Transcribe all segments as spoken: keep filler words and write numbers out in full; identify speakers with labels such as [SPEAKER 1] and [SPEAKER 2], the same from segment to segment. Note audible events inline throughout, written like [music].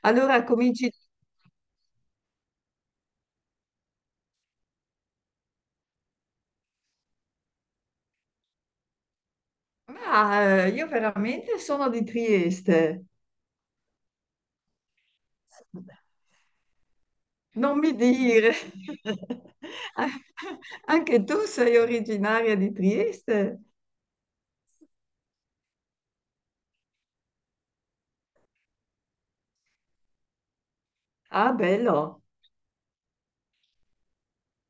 [SPEAKER 1] Allora cominci. Ma eh, io veramente sono di Trieste. Non mi dire. [laughs] Anche tu sei originaria di Trieste? Ah, bello.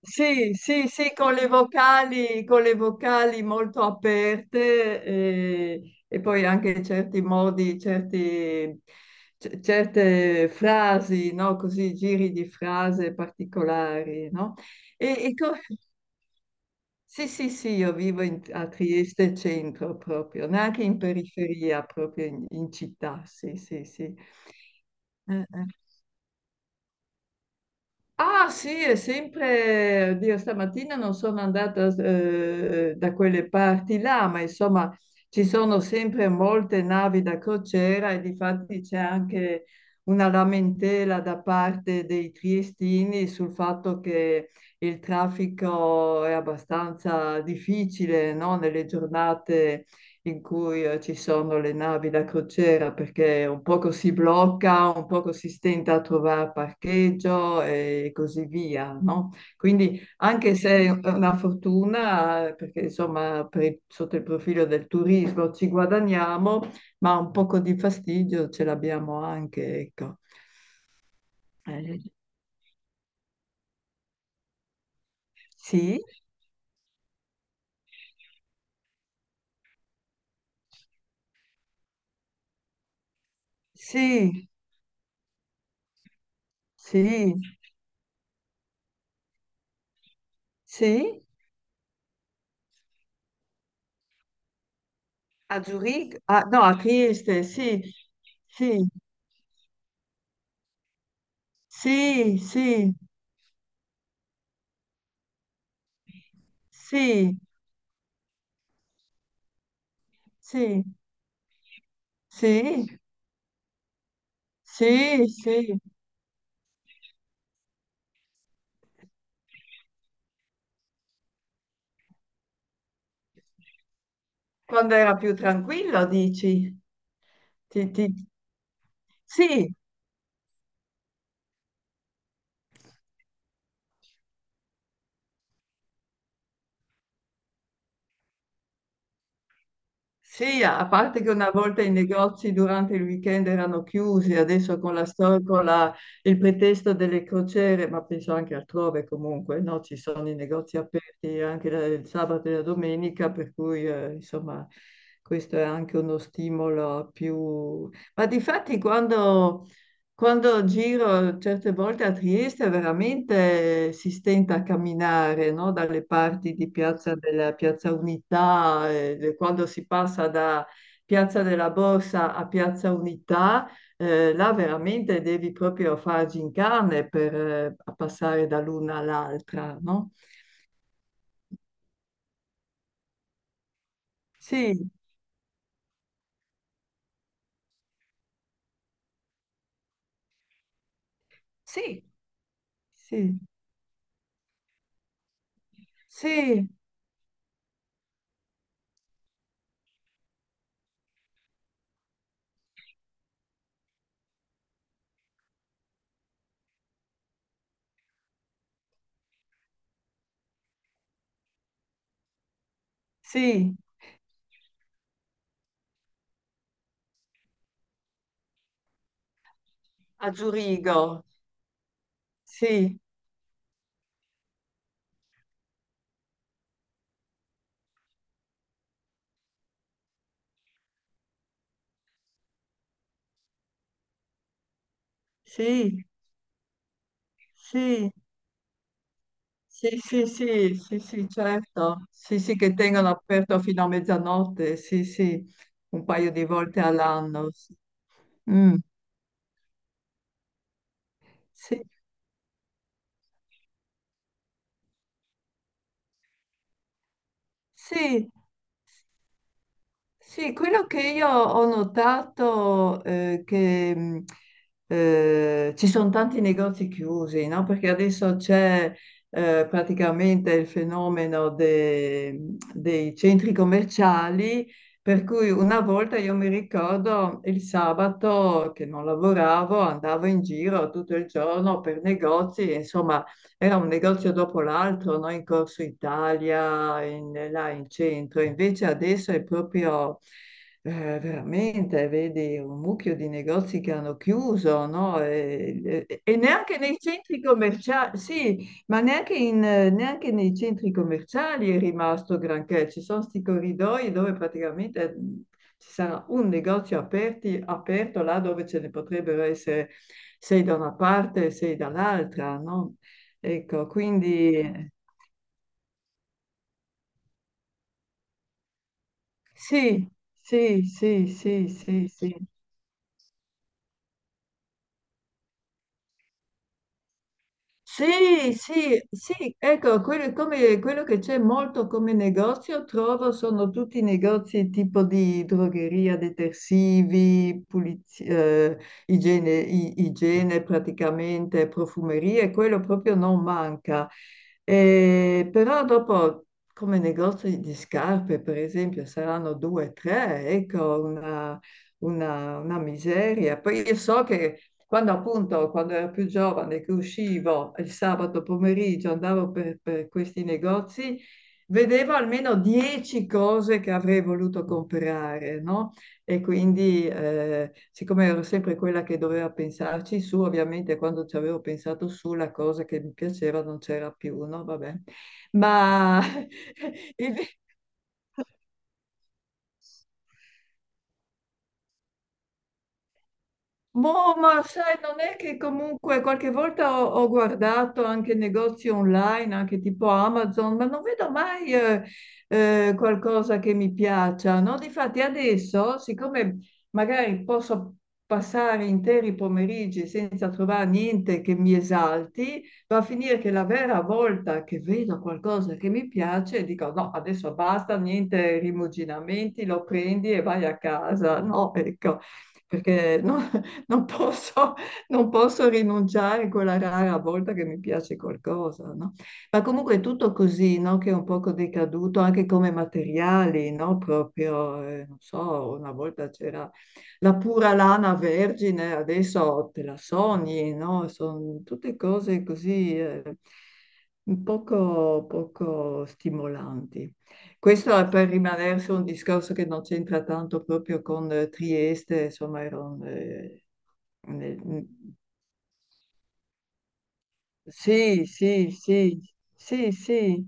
[SPEAKER 1] Sì, sì, sì, con le vocali, con le vocali molto aperte e, e poi anche certi modi, certi- c- certe frasi, no? Così, giri di frase particolari, no? E, e co- Sì, sì, sì, io vivo in- a Trieste centro proprio, neanche in periferia, proprio in, in città, sì, sì, sì. Eh, eh. Ah sì, è sempre, oddio, stamattina non sono andata eh, da quelle parti là, ma insomma ci sono sempre molte navi da crociera e difatti c'è anche una lamentela da parte dei triestini sul fatto che il traffico è abbastanza difficile, no? Nelle giornate in cui eh, ci sono le navi da crociera perché un poco si blocca, un poco si stenta a trovare parcheggio e così via, no? Quindi anche se è una fortuna, eh, perché insomma per il- sotto il profilo del turismo ci guadagniamo, ma un poco di fastidio ce l'abbiamo anche, ecco. Eh, sì, sì, sì, sì, a Zurigo, ah, no, a Trieste, sì, sì, sì, sì. Sì, sì, sì, sì, sì. Quando era più tranquillo, dici? Ti- ti- Sì, sì, a parte che una volta i negozi durante il weekend erano chiusi, adesso con la storia, con la- il pretesto delle crociere, ma penso anche altrove comunque, no? Ci sono i negozi aperti anche la- il sabato e la domenica, per cui eh, insomma questo è anche uno stimolo più. Ma difatti quando. Quando giro certe volte a Trieste veramente si stenta a camminare, no? Dalle parti di Piazza della Piazza Unità, eh, quando si passa da Piazza della Borsa a Piazza Unità, eh, là veramente devi proprio far gincane per eh, passare dall'una all'altra, no? Sì, sì, sì, sì, sì, a Zurigo, sì, sì, sì. Sì, sì, sì, sì, sì, certo. Sì, sì, che tengono aperto fino a mezzanotte, sì, sì, un paio di volte all'anno. sì. Mm, sì, sì, Sì, quello che io ho notato è che mh, eh, ci sono tanti negozi chiusi, no? Perché adesso c'è eh, praticamente il fenomeno de- mm, dei centri commerciali, per cui una volta io mi ricordo il sabato che non lavoravo, andavo in giro tutto il giorno per negozi, insomma era un negozio dopo l'altro, no? In Corso Italia, in, là in centro. Invece adesso è proprio eh, veramente, vedi, un mucchio di negozi che hanno chiuso, no? E, e- e neanche nei centri commerciali, sì, ma neanche, in- neanche nei centri commerciali è rimasto granché. Ci sono sti corridoi dove praticamente mh, ci sarà un negozio aperti- aperto là dove ce ne potrebbero essere sei da una parte e sei dall'altra, no? Ecco, quindi sì, sì, sì, sì, sì, sì. Sì, sì, sì, ecco, quello, come- quello che c'è molto come negozio, trovo, sono tutti negozi tipo di drogheria, detersivi, puliz- eh, igiene, i- igiene praticamente, profumerie, quello proprio non manca. Eh, però dopo, come negozi di scarpe, per esempio, saranno due, tre, ecco, una, una una miseria. Poi io so che. Quando appunto, quando ero più giovane, che uscivo il sabato pomeriggio, andavo per, per questi negozi, vedevo almeno dieci cose che avrei voluto comprare, no? E quindi, eh, siccome ero sempre quella che doveva pensarci su, ovviamente quando ci avevo pensato su, la cosa che mi piaceva non c'era più, no? Vabbè. Ma [laughs] il, Boh, ma sai, non è che comunque qualche volta ho, ho guardato anche negozi online, anche tipo Amazon, ma non vedo mai eh, eh, qualcosa che mi piaccia, no? Difatti adesso, siccome magari posso passare interi pomeriggi senza trovare niente che mi esalti, va a finire che la vera volta che vedo qualcosa che mi piace, dico no, adesso basta, niente rimuginamenti, lo prendi e vai a casa, no? Ecco perché non non posso, non posso rinunciare quella rara volta che mi piace qualcosa, no? Ma comunque è tutto così, no? Che è un poco decaduto anche come materiali, no? Proprio, eh, non so, una volta c'era la pura lana vergine, adesso te la sogni, no? Sono tutte cose così, eh, un poco poco stimolanti. Questo è per rimanere su un discorso che non c'entra tanto proprio con eh, Trieste, insomma, ero eh, nel- sì, sì, sì, sì, sì.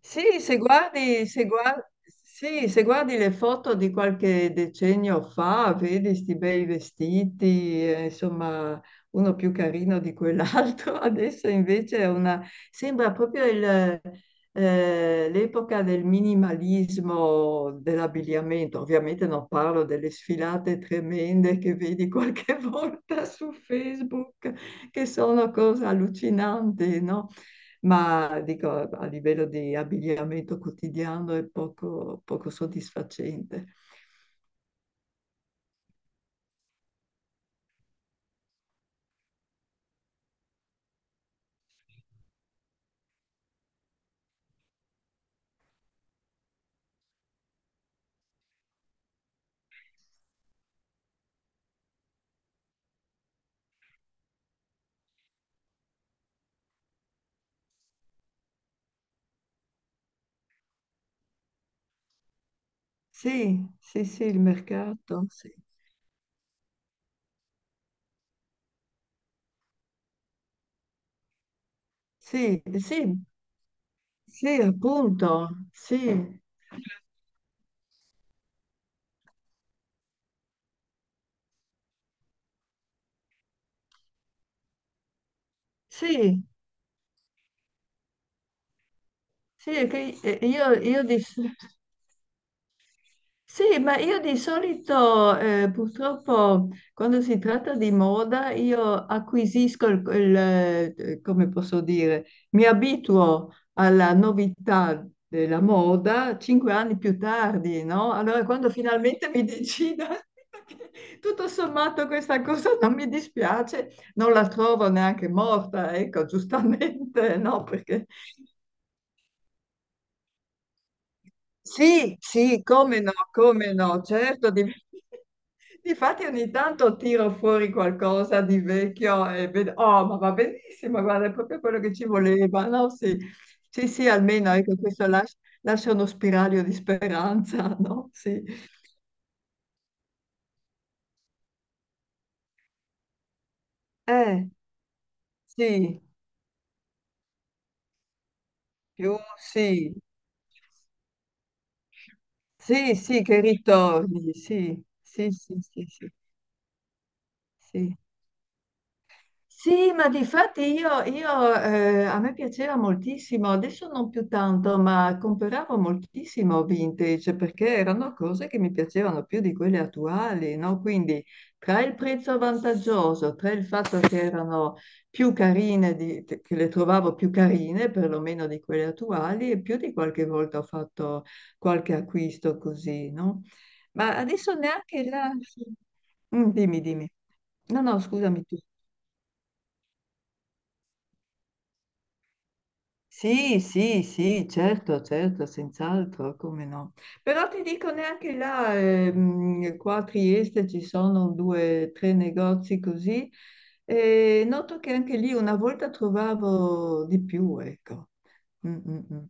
[SPEAKER 1] Sì, se guardi, se guar- sì, se guardi le foto di qualche decennio fa, vedi sti bei vestiti, eh, insomma, uno più carino di quell'altro. [laughs] Adesso invece è una... Sembra proprio il, eh, l'epoca del minimalismo dell'abbigliamento. Ovviamente non parlo delle sfilate tremende che vedi qualche [laughs] volta su Facebook che sono cose allucinanti, no? Ma dico, a livello di abbigliamento quotidiano è poco, poco soddisfacente. Sì, sì, sì, il mercato, sì. Sì, sì, sì, appunto, sì, sì, sì, è che io, io dis- Sì, ma io di solito eh, purtroppo quando si tratta di moda io acquisisco il, il, eh, come posso dire, mi abituo alla novità della moda cinque anni più tardi, no? Allora quando finalmente mi decido, [laughs] che tutto sommato questa cosa non mi dispiace, non la trovo neanche morta, ecco, giustamente, no? Perché. Sì, sì, come no, come no, certo. Di... [laughs] Difatti ogni tanto tiro fuori qualcosa di vecchio e vedo, oh, ma va benissimo, guarda, è proprio quello che ci voleva, no? Sì, sì, sì, almeno ecco, questo las- lascia uno spiraglio di speranza, [laughs] no? Sì. Eh, sì, più sì, sì, sì, che ritorni, sì, sì, sì, sì, sì, sì. Sì, ma di fatti io, io, eh, a me piaceva moltissimo, adesso non più tanto, ma compravo moltissimo vintage perché erano cose che mi piacevano più di quelle attuali, no? Quindi tra il prezzo vantaggioso, tra il fatto che erano più carine, di- che le trovavo più carine perlomeno di quelle attuali e più di qualche volta ho fatto qualche acquisto così, no? Ma adesso neanche là... Mm, Dimmi, dimmi. No, no, scusami tu. Sì, sì, sì, certo, certo, senz'altro, come no. Però ti dico neanche là, ehm, qua a Trieste ci sono due, tre negozi così, e noto che anche lì una volta trovavo di più, ecco. Mm, mm, mm.